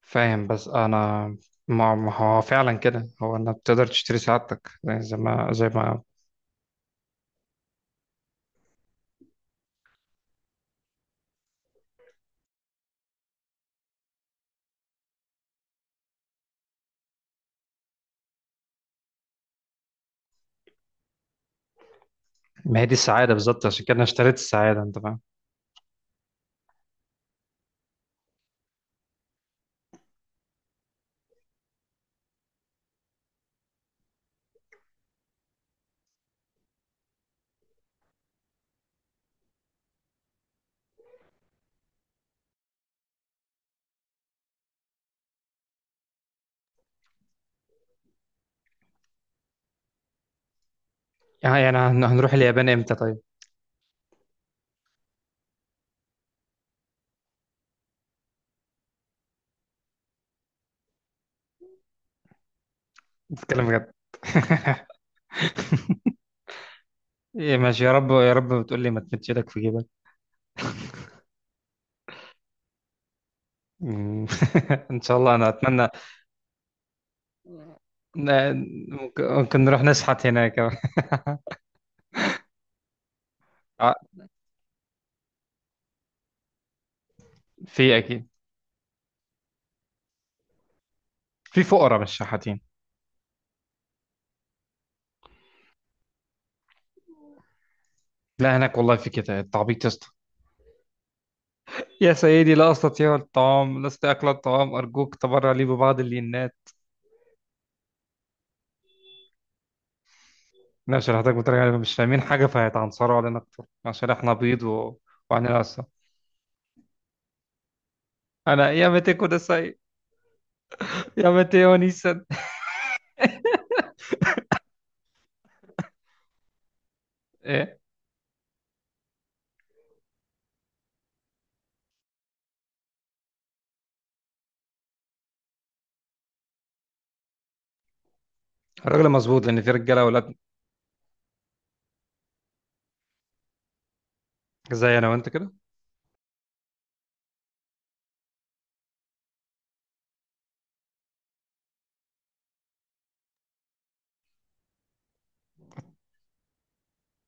فاهم بس انا ما هو فعلا كده، هو انك بتقدر تشتري سعادتك. يعني زي ما زي ما ما هي دي السعاده بالظبط، عشان كده انا اشتريت السعاده. انت فاهم؟ يعني هنروح اليابان امتى؟ طيب، نتكلم بجد. إيه ماشي، يا رب يا رب. بتقول لي ما تمدش ايدك في جيبك. مم. ان شاء الله انا اتمنى. ممكن نروح نشحت هناك. آه، في اكيد. في فقراء مش شحاتين. لا هناك والله في كده التعبيط يا اسطى. يا سيدي لا أستطيع الطعام، لست أكل الطعام، أرجوك تبرع لي ببعض اللينات. لا شرحتك بطريقة علينا مش فاهمين حاجة، فهيتعنصروا علينا أكتر عشان إحنا بيض وعنينا أصلا. أنا يا متى كده ساي، يا متى ونيسا. إيه؟ الراجل مظبوط لأن في رجالة أولاد. زي أنا وأنت كده.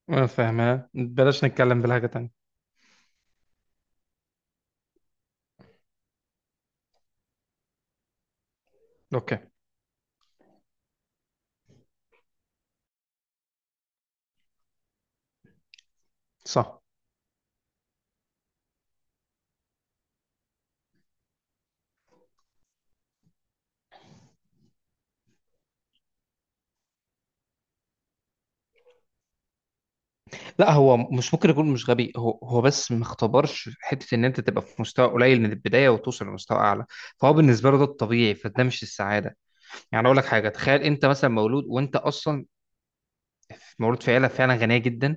أنا فاهمها، بلاش نتكلم بالحاجة تانية. أوكي. صح. لا هو مش ممكن يكون مش غبي، هو بس ما اختبرش حته ان انت تبقى في مستوى قليل من البدايه وتوصل لمستوى اعلى. فهو بالنسبه له ده الطبيعي، فده مش السعاده. يعني اقول لك حاجه، تخيل انت مثلا مولود وانت اصلا مولود في عيله فعلا غنيه جدا.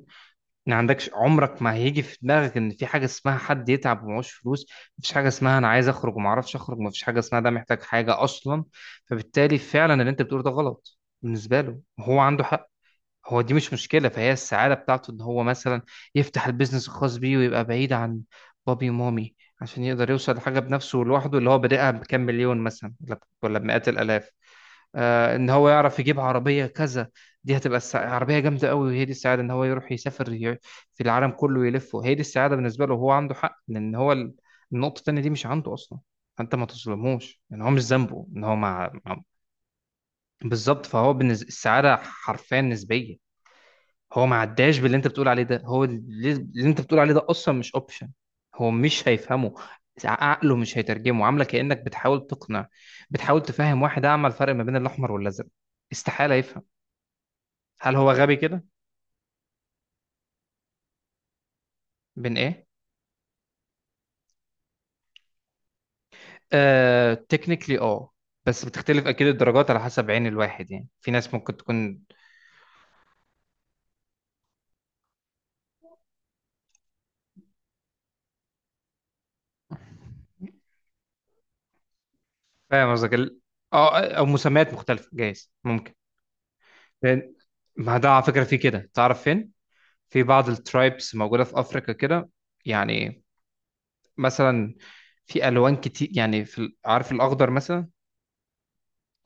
ما عندكش، عمرك ما هيجي في دماغك ان في حاجه اسمها حد يتعب ومعهوش فلوس. مفيش حاجه اسمها انا عايز اخرج وما اعرفش اخرج. مفيش حاجه اسمها ده محتاج حاجه اصلا. فبالتالي فعلا اللي انت بتقوله ده غلط بالنسبه له، هو عنده حق. هو دي مش مشكلة، فهي السعادة بتاعته إن هو مثلا يفتح البيزنس الخاص بيه ويبقى بعيد عن بابي ومامي، عشان يقدر يوصل لحاجة بنفسه لوحده، اللي هو بادئها بكام مليون مثلا ولا بمئات الآلاف. آه إن هو يعرف يجيب عربية كذا، دي هتبقى عربية جامدة قوي، وهي دي السعادة. إن هو يروح يسافر في العالم كله يلفه، هي دي السعادة بالنسبة له. وهو عنده حق لأن هو النقطة التانية دي مش عنده أصلا، فأنت ما تظلموش. إن هو مش ذنبه إن هو بالظبط فهو بالنسبة السعادة حرفيا نسبية. هو ما عداش باللي انت بتقول عليه ده، هو اللي انت بتقول عليه ده اصلا مش اوبشن. هو مش هيفهمه، عقله مش هيترجمه، عامله كانك بتحاول تقنع، بتحاول تفهم واحد اعمى الفرق ما بين الاحمر والازرق. استحاله يفهم. هل هو غبي كده؟ بين ايه؟ آه تكنيكلي بس بتختلف اكيد الدرجات على حسب عين الواحد، يعني في ناس ممكن تكون. فاهم قصدك او مسميات مختلفه، جايز ممكن. لأن- ما ده على فكره في كده، تعرف فين؟ في بعض الترايبس موجوده في افريقيا كده. يعني مثلا في الوان كتير، يعني في عارف الاخضر مثلا؟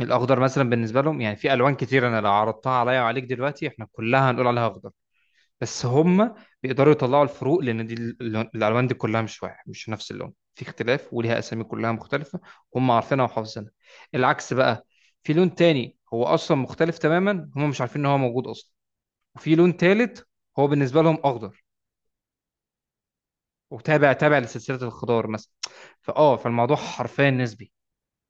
الاخضر مثلا بالنسبه لهم، يعني في الوان كتير انا لو عرضتها عليا وعليك دلوقتي احنا كلها هنقول عليها اخضر، بس هم بيقدروا يطلعوا الفروق، لان دي الالوان دي كلها مش واحد، مش نفس اللون، في اختلاف وليها اسامي كلها مختلفه، هم عارفينها وحافظينها. العكس بقى، في لون تاني هو اصلا مختلف تماما، هم مش عارفين ان هو موجود اصلا. وفي لون تالت هو بالنسبه لهم اخضر، وتابع تابع لسلسله الخضار مثلا. فالموضوع حرفيا نسبي،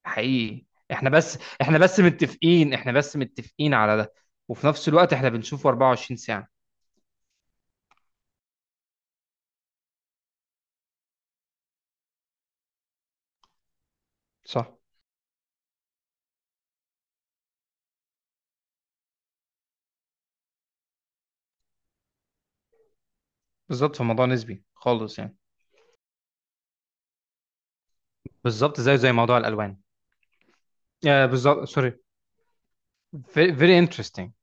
حقيقي. احنا بس احنا بس متفقين احنا بس متفقين على ده. وفي نفس الوقت احنا بنشوفه 24 ساعة. صح. بالظبط، في موضوع نسبي خالص يعني. بالظبط زي موضوع الالوان. آه بالظبط، سوري. very very interesting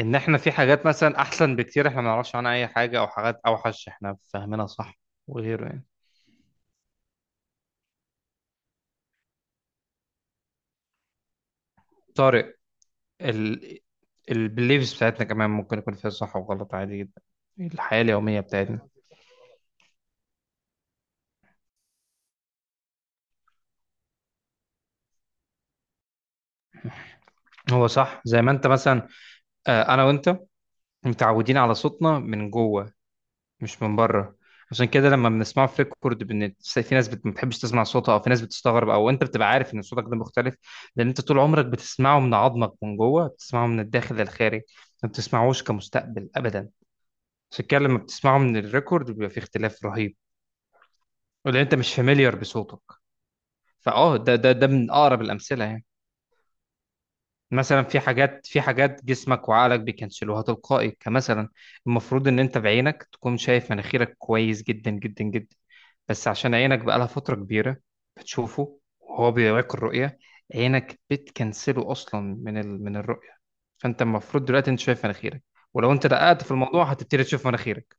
ان احنا في حاجات مثلا احسن بكتير احنا ما نعرفش عنها اي حاجة، او حاجات اوحش احنا فاهمينها صح وغيره يعني. طارق، ال البليفز بتاعتنا كمان ممكن يكون فيها صح وغلط عادي جدا. الحياة اليومية بتاعتنا، هو صح زي ما انت مثلا، انا وانت متعودين على صوتنا من جوه مش من بره. عشان كده لما بنسمعه في ريكورد، في ناس ما بتحبش تسمع صوتها، او في ناس بتستغرب، او انت بتبقى عارف ان صوتك ده مختلف، لان انت طول عمرك بتسمعه من عظمك من جوه، بتسمعه من الداخل للخارج، ما بتسمعوش كمستقبل ابدا. عشان كده لما بتسمعه من الريكورد بيبقى في اختلاف رهيب، ولان انت مش فاميليار بصوتك. فاه ده ده ده من اقرب الامثله يعني. مثلا في حاجات جسمك وعقلك بيكنسلوها تلقائي. كمثلا المفروض ان انت بعينك تكون شايف مناخيرك كويس جدا جدا جدا، بس عشان عينك بقالها فترة كبيرة بتشوفه وهو بيوريك الرؤية، عينك بتكنسله اصلا من الرؤية فانت المفروض دلوقتي انت شايف مناخيرك، ولو انت دققت في الموضوع هتبتدي تشوف مناخيرك.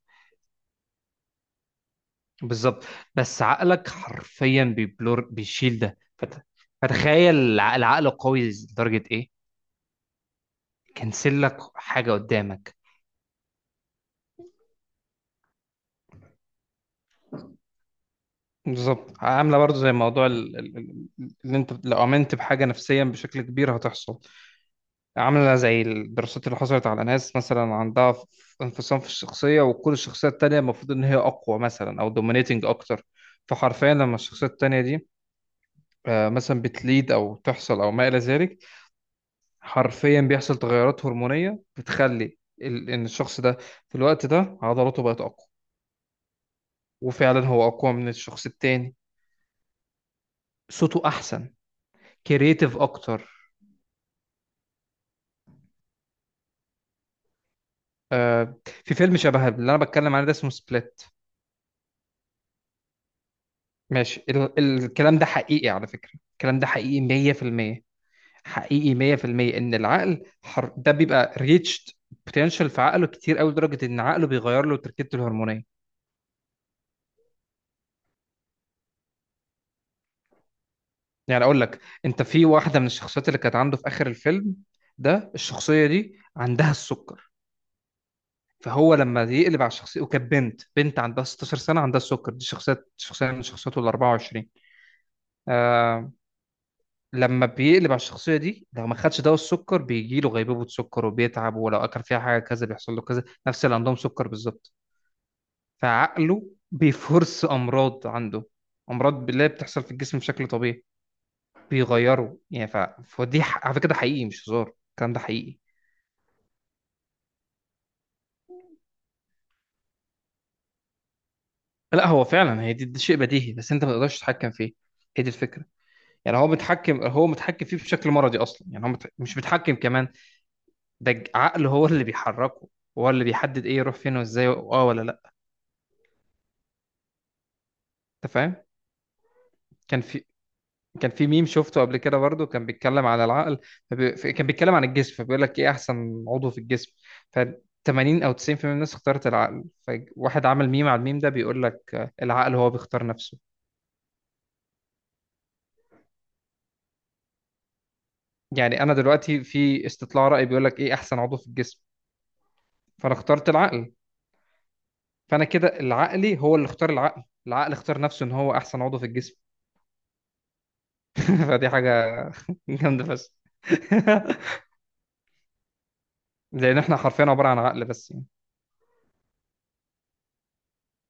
بالظبط، بس عقلك حرفيا بيبلور، بيشيل ده فتخيل العقل قوي لدرجة ايه؟ كنسل لك حاجة قدامك. بالظبط، عامله برضو زي موضوع اللي انت لو امنت بحاجه نفسيا بشكل كبير هتحصل. عامله زي الدراسات اللي حصلت على ناس مثلا عندها انفصام في الشخصيه، وكل الشخصيه التانيه المفروض ان هي اقوى مثلا او دومينيتنج اكتر. فحرفيا لما الشخصيه التانيه دي مثلا بتليد او تحصل او ما الى ذلك، حرفيا بيحصل تغيرات هرمونيه بتخلي ان الشخص ده في الوقت ده عضلاته بقت اقوى، وفعلا هو اقوى من الشخص التاني. صوته احسن، كرييتيف اكتر. آه، في فيلم شبه اللي انا بتكلم عنه ده اسمه سبليت. ماشي، الكلام ده حقيقي على فكرة، الكلام ده حقيقي 100%. حقيقي 100% ان العقل ده بيبقى ريتشد بوتنشال في عقله كتير، قوي لدرجة ان عقله بيغير له تركيبته الهرمونية. يعني اقول لك، انت في واحدة من الشخصيات اللي كانت عنده في اخر الفيلم ده، الشخصية دي عندها السكر. فهو لما يقلب على الشخصية، وكانت بنت عندها 16 سنة عندها السكر، دي شخصية من شخصياته ال 24. لما بيقلب على الشخصية دي لو ما خدش دواء السكر بيجي له غيبوبة سكر وبيتعب، ولو أكل فيها حاجة كذا بيحصل له كذا، نفس اللي عندهم سكر بالظبط. فعقله بيفرس أمراض عنده، أمراض بالله بتحصل في الجسم بشكل طبيعي. بيغيره يعني فدي على فكرة ده حقيقي مش هزار، الكلام ده حقيقي. لا هو فعلا، هي دي شيء بديهي بس أنت ما تقدرش تتحكم فيه، هي دي الفكرة. يعني هو متحكم فيه بشكل مرضي أصلا، يعني هو مش متحكم كمان. ده العقل هو اللي بيحركه، هو اللي بيحدد إيه يروح فين وإزاي. اه ولا انت فاهم؟ كان في كان في ميم شفته قبل كده برضه كان بيتكلم على العقل. كان بيتكلم عن الجسم، فبيقول لك ايه احسن عضو في الجسم. ف 80 او 90% من الناس اختارت العقل، فواحد عمل ميم على الميم ده بيقول لك، آه، العقل هو بيختار نفسه. يعني انا دلوقتي في استطلاع رأي بيقول لك ايه احسن عضو في الجسم، فانا اخترت العقل. فانا كده العقلي هو اللي اختار العقل، العقل اختار نفسه ان هو احسن عضو في الجسم. فدي حاجة جامدة بس. لان احنا حرفيا عبارة عن عقل بس.